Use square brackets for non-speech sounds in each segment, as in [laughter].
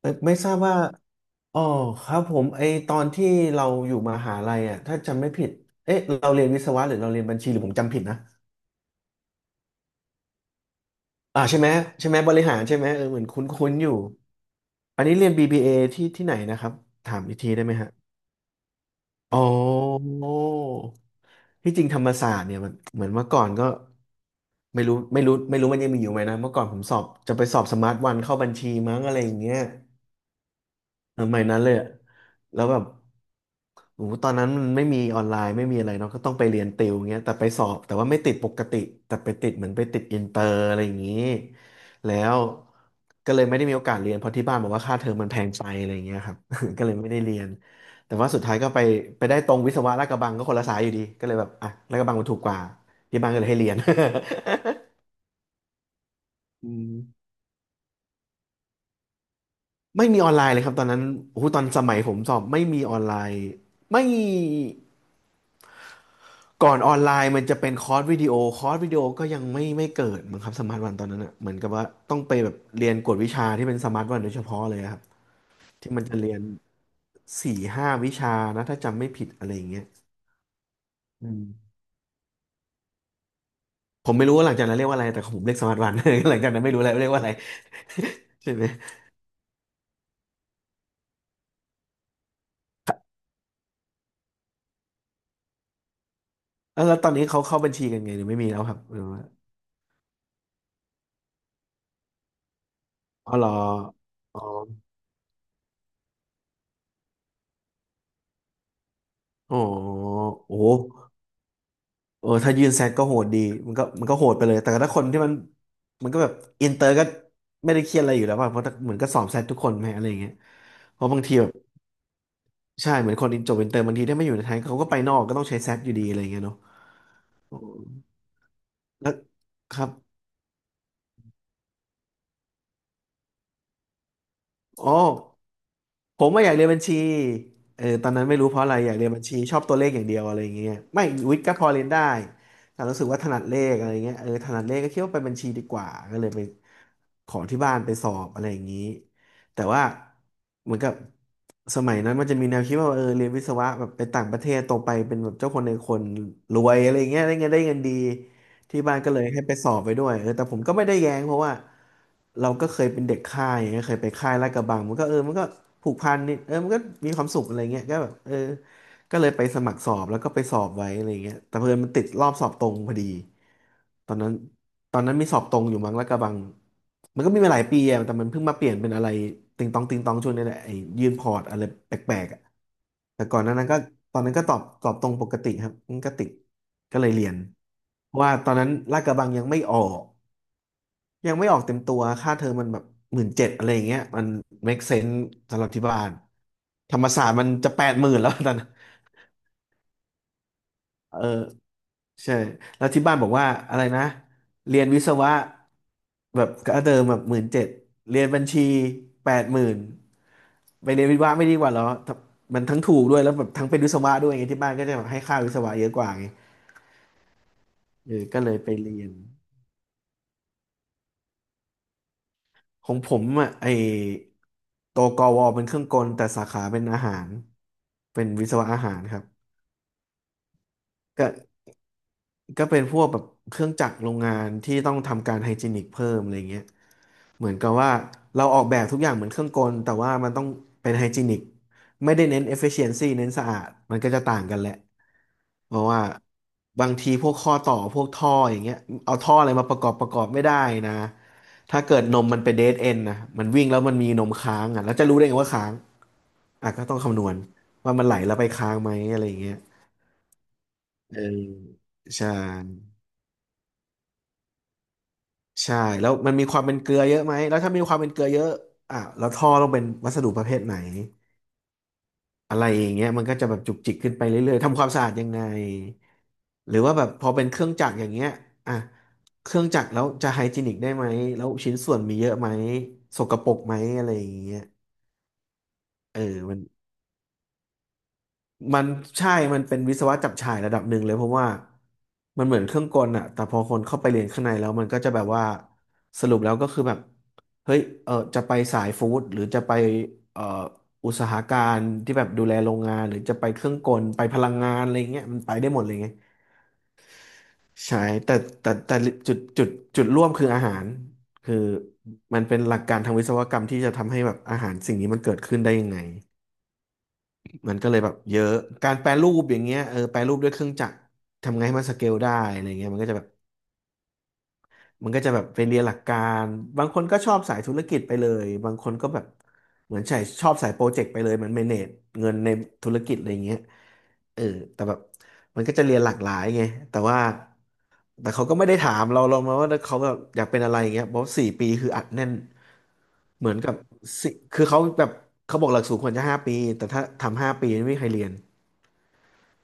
ไม่ทราบว่าอ๋อครับผมไอตอนที่เราอยู่มหาลัยอ่ะถ้าจำไม่ผิดเอ๊ะเราเรียนวิศวะหรือเราเรียนบัญชีหรือผมจำผิดนะอ่าใช่ไหมใช่ไหม บริหารใช่ไหมเออเหมือนคุ้นๆอยู่อันนี้เรียน BBA ที่ที่ไหนนะครับถามอีกทีได้ไหมฮะอ๋อที่จริงธรรมศาสตร์เนี่ยมันเหมือนเมื่อก่อนก็ไม่รู้มันยังมีอยู่ไหมนะ เมื่อก่อนผมสอบจะไปสอบสมาร์ทวันเข้าบัญชีมั้งอะไรอย่างเงี้ยเออไม่นั้นเลยอะแล้วแบบ โอ้โหตอนนั้นมันไม่มีออนไลน์ไม่มีอะไรเนาะก็ต้องไปเรียนติวเงี้ยแต่ไปสอบแต่ว่าไม่ติดปกติแต่ไปติดเหมือนไปติดอินเตอร์อะไรอย่างนี้แล้วก็เลยไม่ได้มีโอกาสเรียนเพราะที่บ้านบอกว่าค่าเทอมมันแพงไปอะไรอย่างเงี้ยครับ [laughs] ก็เลยไม่ได้เรียนแต่ว่าสุดท้ายก็ไปไปได้ตรงวิศวะลาดกระบังก็คนละสายอยู่ดีก็เลยแบบอ่ะลาดกระบังมันถูกกว่าที่บ้านก็เลยให้เรียน [laughs] อืมไม่มีออนไลน์เลยครับตอนนั้นโอ้โหตอนสมัยผมสอบไม่มีออนไลน์ไม่ ก่อนออนไลน์มันจะเป็นคอร์สวิดีโอคอร์สวิดีโอก็ยังไม่เกิดมั้งครับสมาร์ทวันตอนนั้นอ่ะเหมือนกับว่าต้องไปแบบเรียนกวดวิชาที่เป็นสมาร์ทวันโดยเฉพาะเลยอะครับที่มันจะเรียนสี่ห้าวิชานะถ้าจำไม่ผิดอะไรอย่างเงี้ยอืมผมไม่รู้ว่าหลังจากนั้นเรียกว่าอะไรแต่ของผมเรียกสมาร์ทวัน [laughs] หลังจากนั้นไม่รู้แล้วเรียกว่าอะไร [laughs] ใช่ไหมแล้วตอนนี้เขาเข้าบัญชีกันไงหรือไม่มีแล้วครับหรือว่าอ๋อเหรออ๋ออ๋อโอ้โห เออถ้ายื่นแซดก็โหดดีมันก็โหดไปเลยแต่ถ้าคนที่มันมันก็แบบอินเตอร์ก็ไม่ได้เครียดอะไรอยู่แล้วป่ะเพราะเหมือนก็สอบแซดทุกคนไหมอะไรอย่างเงี้ยเพราะบางทีแบบใช่เหมือนคนจบอินเตอร์บางทีถ้าไม่อยู่ในไทยเขาก็ไปนอกก็ต้องใช้แซดอยู่ดีอะไรอย่างเงี้ยเนาะแล้วครับอ๋อ ผมว่าอยากเรียนบัญชีเออตอนนั้นไม่รู้เพราะอะไรอยากเรียนบัญชีชอบตัวเลขอย่างเดียวอะไรอย่างเงี้ยไม่วิทย์ก็พอเรียนได้แต่รู้สึกว่าถนัดเลขอะไรเงี้ยเออถนัดเลขก็คิดว่าไปบัญชีดีกว่าก็เลยไปขอที่บ้านไปสอบอะไรอย่างนี้แต่ว่าเหมือนกับสมัยนั้นมันจะมีแนวคิดว่าเออเรียนวิศวะแบบไปต่างประเทศโตไปเป็นแบบเจ้าคนในคนรวยอะไรเงี้ยได้เงินดี ที่บ้านก็เลยให้ไปสอบไปด้วยเออแต่ผมก็ไม่ได้แย้งเพราะว่าเราก็เคยเป็นเด็กค่ายอย่างเงี้ยเคยไปค่ายลาดกระบังมันก็เออมันก็ผูกพันนิดเออมันก็มีความสุขอะไรเงี้ยก็แบบเออ ก็เลยไปสมัครสอบแล้วก็ไปสอบไว้อะไรเงี้ยแต่เพื่อนมันติดรอบสอบตรงพอดีตอนนั้นตอนนั้นมีสอบตรงอยู่มั้งแล้วกระบังมันก็มีมาหลายปีอะแต่มันเพิ่งมาเปลี่ยนเป็นอะไรติงตองติงตองช่วงนี้แหละไอ้ยื่นพอร์ตอะไรแปลกๆอะแต่ก่อนหนานั้นก็ตอนนั้นก็ตอบตรงปกติครับมันก็ติดก็เลยเรียนเพราะว่าตอนนั้นลาดกระบังยังไม่ออกยังไม่ออกเต็มตัวค่าเทอมมันแบบหมื่นเจ็ดอะไรอย่างเงี้ยมัน make sense สำหรับที่บ้านธรรมศาสตร์มันจะแปดหมื่นแล้ว [laughs] ตอนนั้นเออ ใช่แล้วที่บ้านบอกว่าอะไรนะเรียนวิศวะแบบก็เดิมแบบหมื่นเจ็ดเรียนบัญชีแปดหมื่นไปเรียนวิศวะไม่ดีกว่าเหรอถ้ามันทั้งถูกด้วยแล้วแบบทั้งเป็นวิศวะด้วยไงที่บ้านก็จะแบบให้ค่าวิศวะเยอะกว่าไงเออก็เลยไปเรียนของผมอ่ะไอตัวกวเป็นเครื่องกลแต่สาขาเป็นอาหารเป็นวิศวะอาหารครับก็ ก็เป็นพวกแบบเครื่องจักรโรงงานที่ต้องทำการไฮจีนิกเพิ่มอะไรเงี้ยเหมือนกับว่าเราออกแบบทุกอย่างเหมือนเครื่องกลแต่ว่ามันต้องเป็นไฮจีนิกไม่ได้เน้น efficiency เน้นสะอาดมันก็จะต่างกันแหละเพราะว่าบางทีพวกข้อต่อพวกท่ออย่างเงี้ยเอาท่ออะไรมาประกอบไม่ได้นะถ้าเกิดนมมันเป็นเดดเอนนะมันวิ่งแล้วมันมีนมค้างอ่ะแล้วจะรู้ได้ไงว่าค้างอ่ะก็ต้องคำนวณว่ามันไหลแล้วไปค้างไหมอะไรอย่างเงี้ยเออใช่ ใช่แล้วมันมีความเป็นเกลือเยอะไหมแล้วถ้ามีความเป็นเกลือเยอะอ่ะแล้วท่อต้องเป็นวัสดุประเภทไหนอะไรอย่างเงี้ยมันก็จะแบบจุกจิกขึ้นไปเรื่อยๆทำความสะอาดยังไงหรือว่าแบบพอเป็นเครื่องจักรอย่างเงี้ยอ่ะเครื่องจักรแล้วจะไฮจีนิกได้ไหมแล้วชิ้นส่วนมีเยอะไหมสกปรกไหมอะไรอย่างเงี้ยเออมัน มันใช่มันเป็นวิศวะจับฉ่ายระดับหนึ่งเลยเพราะว่ามันเหมือนเครื่องกลอะแต่พอคนเข้าไปเรียนข้างในแล้วมันก็จะแบบว่าสรุปแล้วก็คือแบบเฮ้ยเออจะไปสายฟู้ดหรือจะไปเอ่ออุตสาหการที่แบบดูแลโรงงานหรือจะไปเครื่องกลไปพลังงานอะไรเงี้ยมันไปได้หมดเลยไงใช่แต่แต่จุดจุดจุดร่วมคืออาหารคือมันเป็นหลักการทางวิศวกรรมที่จะทำให้แบบอาหารสิ่งนี้มันเกิดขึ้นได้ยังไง มันก็เลยแบบเยอะการแปรรูปอย่างเงี้ยเออแปรรูปด้วยเครื่องจักรทำไงให้มันสเกลได้อะไรเงี้ยมันก็จะแบบมันก็จะแบบไปเรียนหลักการบางคนก็ชอบสายธุรกิจไปเลยบางคนก็แบบเหมือนใช่ชอบสายโปรเจกต์ไปเลยเหมันเมเนจเงินในธุรกิจอะไรเงี้ยเออแต่แบบมันก็จะเรียนหลากหลายไงแต่ว่าแต่เขาก็ไม่ได้ถามเรามาว่าเขาแบบอยากเป็นอะไรอย่างเงี้ยเพราะสี่ปีคืออัดแน่นเหมือนกับสิคือเขาแบบเขาบอกหลักสูตรควรจะห้าปีแต่ถ้าทำห้าปีไม่มีใครเรียน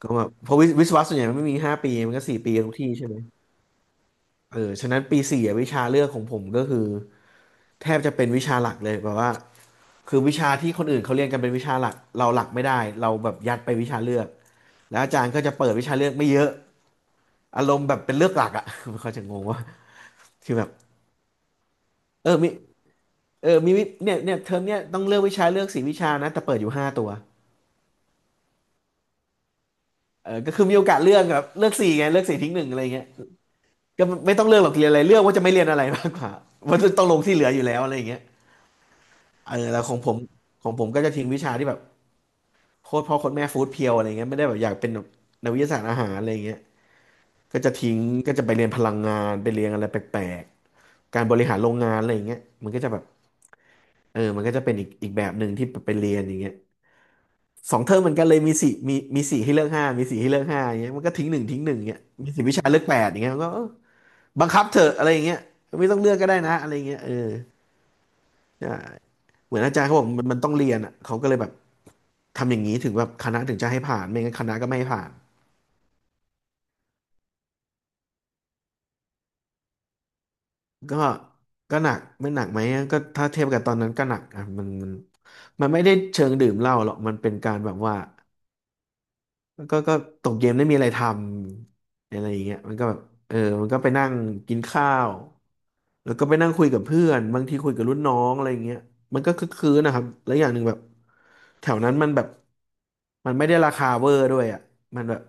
ก็แบบเพราะวิศวะส่วนใหญ่มันไม่มีห้าปีมันก็สี่ปีกันทุกที่ใช่ไหมเออฉะนั้นปีสี่อะวิชาเลือกของผมก็คือแทบจะเป็นวิชาหลักเลยแบบว่าคือวิชาที่คนอื่นเขาเรียนกันเป็นวิชาหลักเราหลักไม่ได้เราแบบยัดไปวิชาเลือกแล้วอาจารย์ก็จะเปิดวิชาเลือกไม่เยอะอารมณ์แบบเป็นเลือกหลักอ่ะ [laughs] เขาจะงงว่าคือแบบเออมีมีวิเนี่ยเนี่ยเทอมเนี่ยต้องเลือกวิชาเลือกสี่วิชานะแต่เปิดอยู่ห้าตัวเออก็คือมีโอกาสเลือกแบบเลือกสี่ไงเลือกสี่ทิ้งหนึ่งอะไรเงี้ย ก็ไม่ต้องเลือกหรอกเรียนอะไรเลือกว่าจะไม่เรียนอะไรมากกว่า [laughs] มันต้องลงที่เหลืออยู่แล้วอะไรอย่างเงี้ยเออแล้วของผมก็จะทิ้งวิชาที่แบบโคตรพ่อโคตรแม่ฟู้ดเพียวอะไรเงี้ยไม่ได้แบบอยากเป็นแบบนักวิทยาศาสตร์อาหารอะไรเงี้ยก็จะทิ้งก็จะไปเรียนพลังงานไปเรียนอะไรแปลกๆการบริหารโรงงานอะไรเงี้ยมันก็จะแบบเออมันก็จะเป็นอีกแบบหนึ่งที่ไปเรียนอย่างเงี้ย2 เทอมเหมือนกันเลยมีสี่ให้เลือกห้ามีสี่ให้เลือกห้าอย่างเงี้ยมันก็ทิ้งหนึ่งทิ้งหนึ่งเงี้ยมีสี่วิชาเลือกแปดอย่างเงี้ยมันก็เออบังคับเถอะอะไรอย่างเงี้ยไม่ต้องเลือกก็ได้นะอะไรอย่างเงี้ยเออใช่ เหมือนอาจารย์เขาบอกมันต้องเรียนอ่ะเขาก็เลยแบบทำอย่างนี้ถึงแบบคณะถึงจะให้ผ่านไม่งั้นคณะก็ไม่ให้ผ่านก็ก็หนักไม่หนักไหมก็ถ้าเทียบกับตอนนั้นก็หนักอ่ะมันไม่ได้เชิงดื่มเหล้าหรอกมันเป็นการแบบว่าก็ตกเย็นไม่มีอะไรทำอะไรอย่างเงี้ยมันก็แบบเออมันก็ไปนั่งกินข้าวแล้วก็ไปนั่งคุยกับเพื่อนบางทีคุยกับรุ่นน้องอะไรอย่างเงี้ยมันก็คึกคืนนะครับแล้วอย่างหนึ่งแบบแถวนั้นมันแบบมันไม่ได้ราคาเวอร์ด้วยอ่ะมันแบบ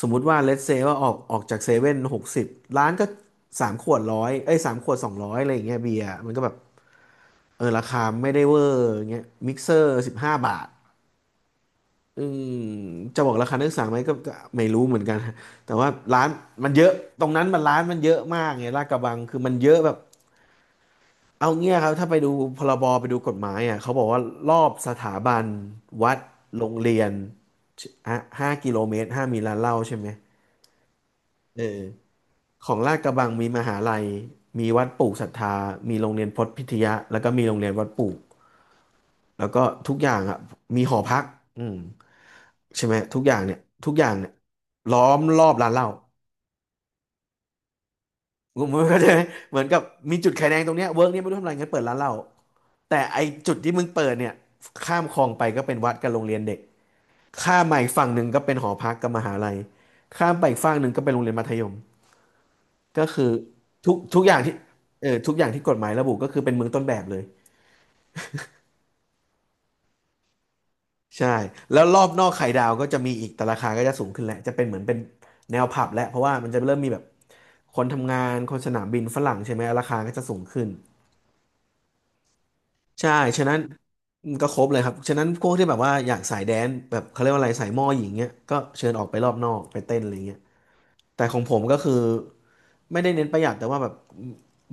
สมมุติว่าเล s เซว่าออกจากเซเว่น60ร้านก็สามขวดร้อยเอ้ยสามขวด200อะไรอย่างเงี้ยเบียร์มันก็แบบเออราคาไม่ได้เวอร์อย่างเงี้ยมิกเซอร์15 บาทอืมจะบอกราคานักศึกษาไหมก็ไม่รู้เหมือนกัน [laughs] แต่ว่าร้านมันเยอะตรงนั้นมันร้านมันเยอะมากไงลาดกระบังคือมันเยอะแบบเอาเงี้ยครับถ้าไปดูพรบไปดูกฎหมายอ่ะเขาบอกว่ารอบสถาบันวัดโรงเรียนห้ากิโลเมตรห้ามมีร้านเหล้าใช่ไหมเออ ของลาดกระบังมีมหาลัยมีวัดปลูกศรัทธา มีโรงเรียนพจน์พิทยะแล้วก็มีโรงเรียนวัดปลูกแล้วก็ทุกอย่างอ่ะมีหอพักอืมใช่ไหมทุกอย่างเนี่ยทุกอย่างเนี่ยล้อมรอบร้านเหล้าคมณเข้าใจไหมเหมือนกับมีจุดไข่แดงตรงเนี้ยเวิร์กเนี้ยไม่รู้ทำอะไรงั้นเปิดร้านเหล้าแต่ไอจุดที่มึงเปิดเนี่ยข้ามคลองไปก็เป็นวัดกับโรงเรียนเด็กข้ามมาอีกฝั่งหนึ่งก็เป็นหอพักกับมหาลัยข้ามไปอีกฝั่งหนึ่งก็เป็นโรงเรียนมัธยม ก็คือทุกอย่างที่เออทุกอย่างที่กฎหมายระบุก็คือเป็นเมืองต้นแบบเลยใช่แล้วรอบนอกไข่ดาวก็จะมีอีกแต่ราคาก็จะสูงขึ้นแหละจะเป็นเหมือนเป็นแนวผับแหละเพราะว่ามันจะเริ่มมีแบบคนทำงานคนสนามบินฝรั่งใช่ไหมราคาก็จะสูงขึ้นใช่ฉะนั้นก็ครบเลยครับฉะนั้นพวกที่แบบว่าอยากสายแดนซ์แบบเขาเรียกว่าอะไรสายหม้อหญิงเงี้ยก็เชิญออกไปรอบนอกไปเต้นอะไรเงี้ยแต่ของผมก็คือไม่ได้เน้นประหยัดแต่ว่าแบบ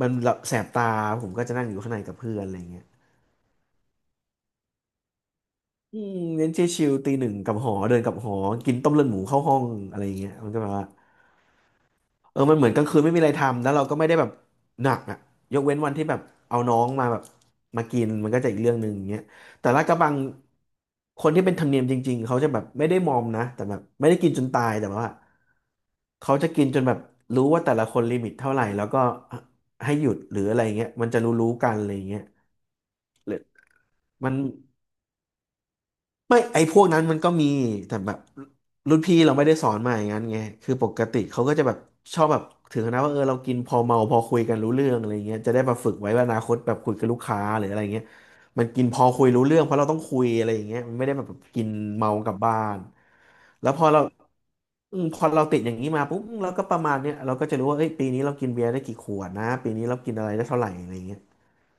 มันแบบแสบตาผมก็จะนั่งอยู่ข้างในกับเพื่อนอะไรเงี้ย อืมเน้นชิลๆตีหนึ่งกลับหอเดินกลับหอกินต้มเลือดหมูเข้าห้องอะไรอย่างเงี้ยมันก็แบบว่าเออมันเหมือนกลางคืนไม่มีอะไรทำแล้วเราก็ไม่ได้แบบหนักอ่ะยกเว้นวันที่แบบเอาน้องมาแบบมากินมันก็จะอีกเรื่องหนึ่งอย่างเงี้ยแต่ลาดกระบังคนที่เป็นธรรมเนียมจริงๆเขาจะแบบไม่ได้มอมนะแต่แบบไม่ได้กินจนตายแต่ว่าเขาจะกินจนแบบรู้ว่าแต่ละคนลิมิตเท่าไหร่แล้วก็ให้หยุดหรืออะไรเงี้ยมันจะรู้ๆกันอะไรเงี้ยหรือมัน ไม่ไอ้พวกนั้นมันก็มีแต่แบบรุ่นพี่เราไม่ได้สอนมาอย่างนั้นไงคือปกติเขาก็จะแบบชอบแบบถึงขนาดว่าเออเรากินพอเมาพอคุยกันรู้เรื่องอะไรเงี้ยจะได้มาฝึกไว้ว่าอนาคตแบบคุยกับลูกค้าหรืออะไรเงี้ยมันกินพอคุยรู้เรื่องเพราะเราต้องคุยอะไรอย่างเงี้ยมันไม่ได้แบบกินเมากลับบ้านแล้วพอเราพอเราติดอย่างนี้มาปุ๊บเราก็ประมาณเนี้ยเราก็จะรู้ว่าเอ้ยปีนี้เรากินเบียร์ได้กี่ขวดนะปีนี้เรากินอะไรได้เท่าไหร่อะไรเงี้ย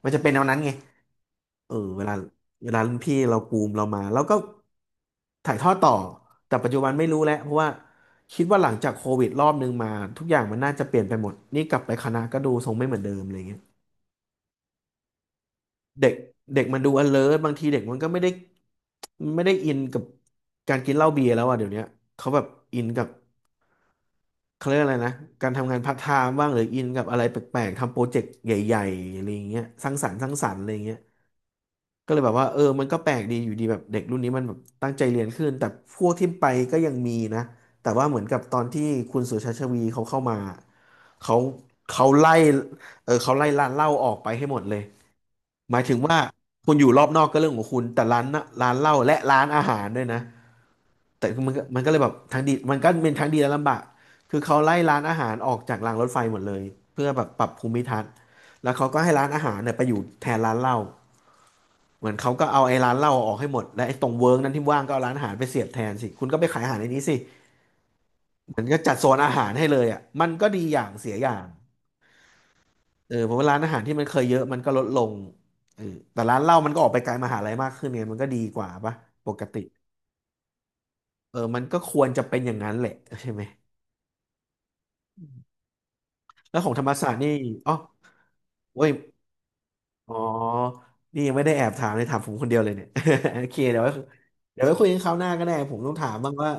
มันจะเป็นแนวนั้นไง เออเวลารุ่นพี่เราปูมเรามาแล้วก็ถ่ายทอดต่อแต่ปัจจุบันไม่รู้แล้วเพราะว่าคิดว่าหลังจากโควิดรอบนึงมาทุกอย่างมันน่าจะเปลี่ยนไปหมดนี่กลับไปคณะก็ดูทรงไม่เหมือนเดิมอะไรเงี้ยเด็กเด็กมันดู alert บางทีเด็กมันก็ไม่ได้อินกับการกินเหล้าเบียร์แล้วอ่ะเดี๋ยวเนี้ยเขาแบบอินกับเขาเรียกอะไรนะการทำงานพาร์ทไทม์บ้างหรืออินกับอะไรแปลกๆทำโปรเจกต์ใหญ่ๆอะไรอย่างเงี้ยสร้างสรรค์อะไรอย่างเงี้ย ก็เลยแบบว่าเออมันก็แปลกดีอยู่ดีแบบเด็กรุ่นนี้มันแบบตั้งใจเรียนขึ้นแต่พวกที่ไปก็ยังมีนะแต่ว่าเหมือนกับตอนที่คุณสุชาชวีเขาเข้ามาเขาเขาไล่เออเขาไล่ร้านเหล้าออกไปให้หมดเลยหมายถึงว่าคุณอยู่รอบนอกก็เรื่องของคุณแต่ร้านน่ะร้านเหล้าและร้านอาหารด้วยนะแต่มันก็เลยแบบทั้งดีมันก็เป็นทั้งดีและลำบากคือเขาไล่ร้านอาหารออกจากรางรถไฟหมดเลยเพื่อแบบปรับภูมิทัศน์แล้วเขาก็ให้ร้านอาหารเนี่ยไปอยู่แทนร้านเหล้า เหมือนเขาก็เอาไอ้ร้านเหล้าออกให้หมดและไอ้ตรงเวิร์กนั้นที่ว่างก็เอาร้านอาหารไปเสียบแทนสิคุณก็ไปขายอาหารในนี้สิมันก็จัดโซนอาหารให้เลยอ่ะมันก็ดีอย่างเสียอย่างเออเพราะว่าร้านอาหารที่มันเคยเยอะมันก็ลดลงเออแต่ร้านเหล้ามันก็ออกไปไกลมหาลัยมากขึ้นเนี่ยมันก็ดีกว่าปะปกติเออมันก็ควรจะเป็นอย่างนั้นแหละใช่ไหมแล้วของธรรมศาสตร์นี่อ๋อเว้ย อ๋อ นี่ยังไม่ได้แอบถามเลยถามผมคนเดียวเลยเนี่ย [laughs] โอเคเดี๋ยวไว้คุยกันคราวหน้าก็ได้ผมต้องถามบ้างว่า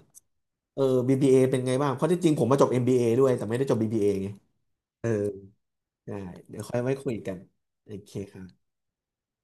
เออ BBA เอเป็นไงบ้างเพราะที่จริงผมมาจบ MBA ด้วยแต่ไม่ได้จบ BBA ไงเออได้เดี๋ยวค่อยไว้คุยกันโอเคครับ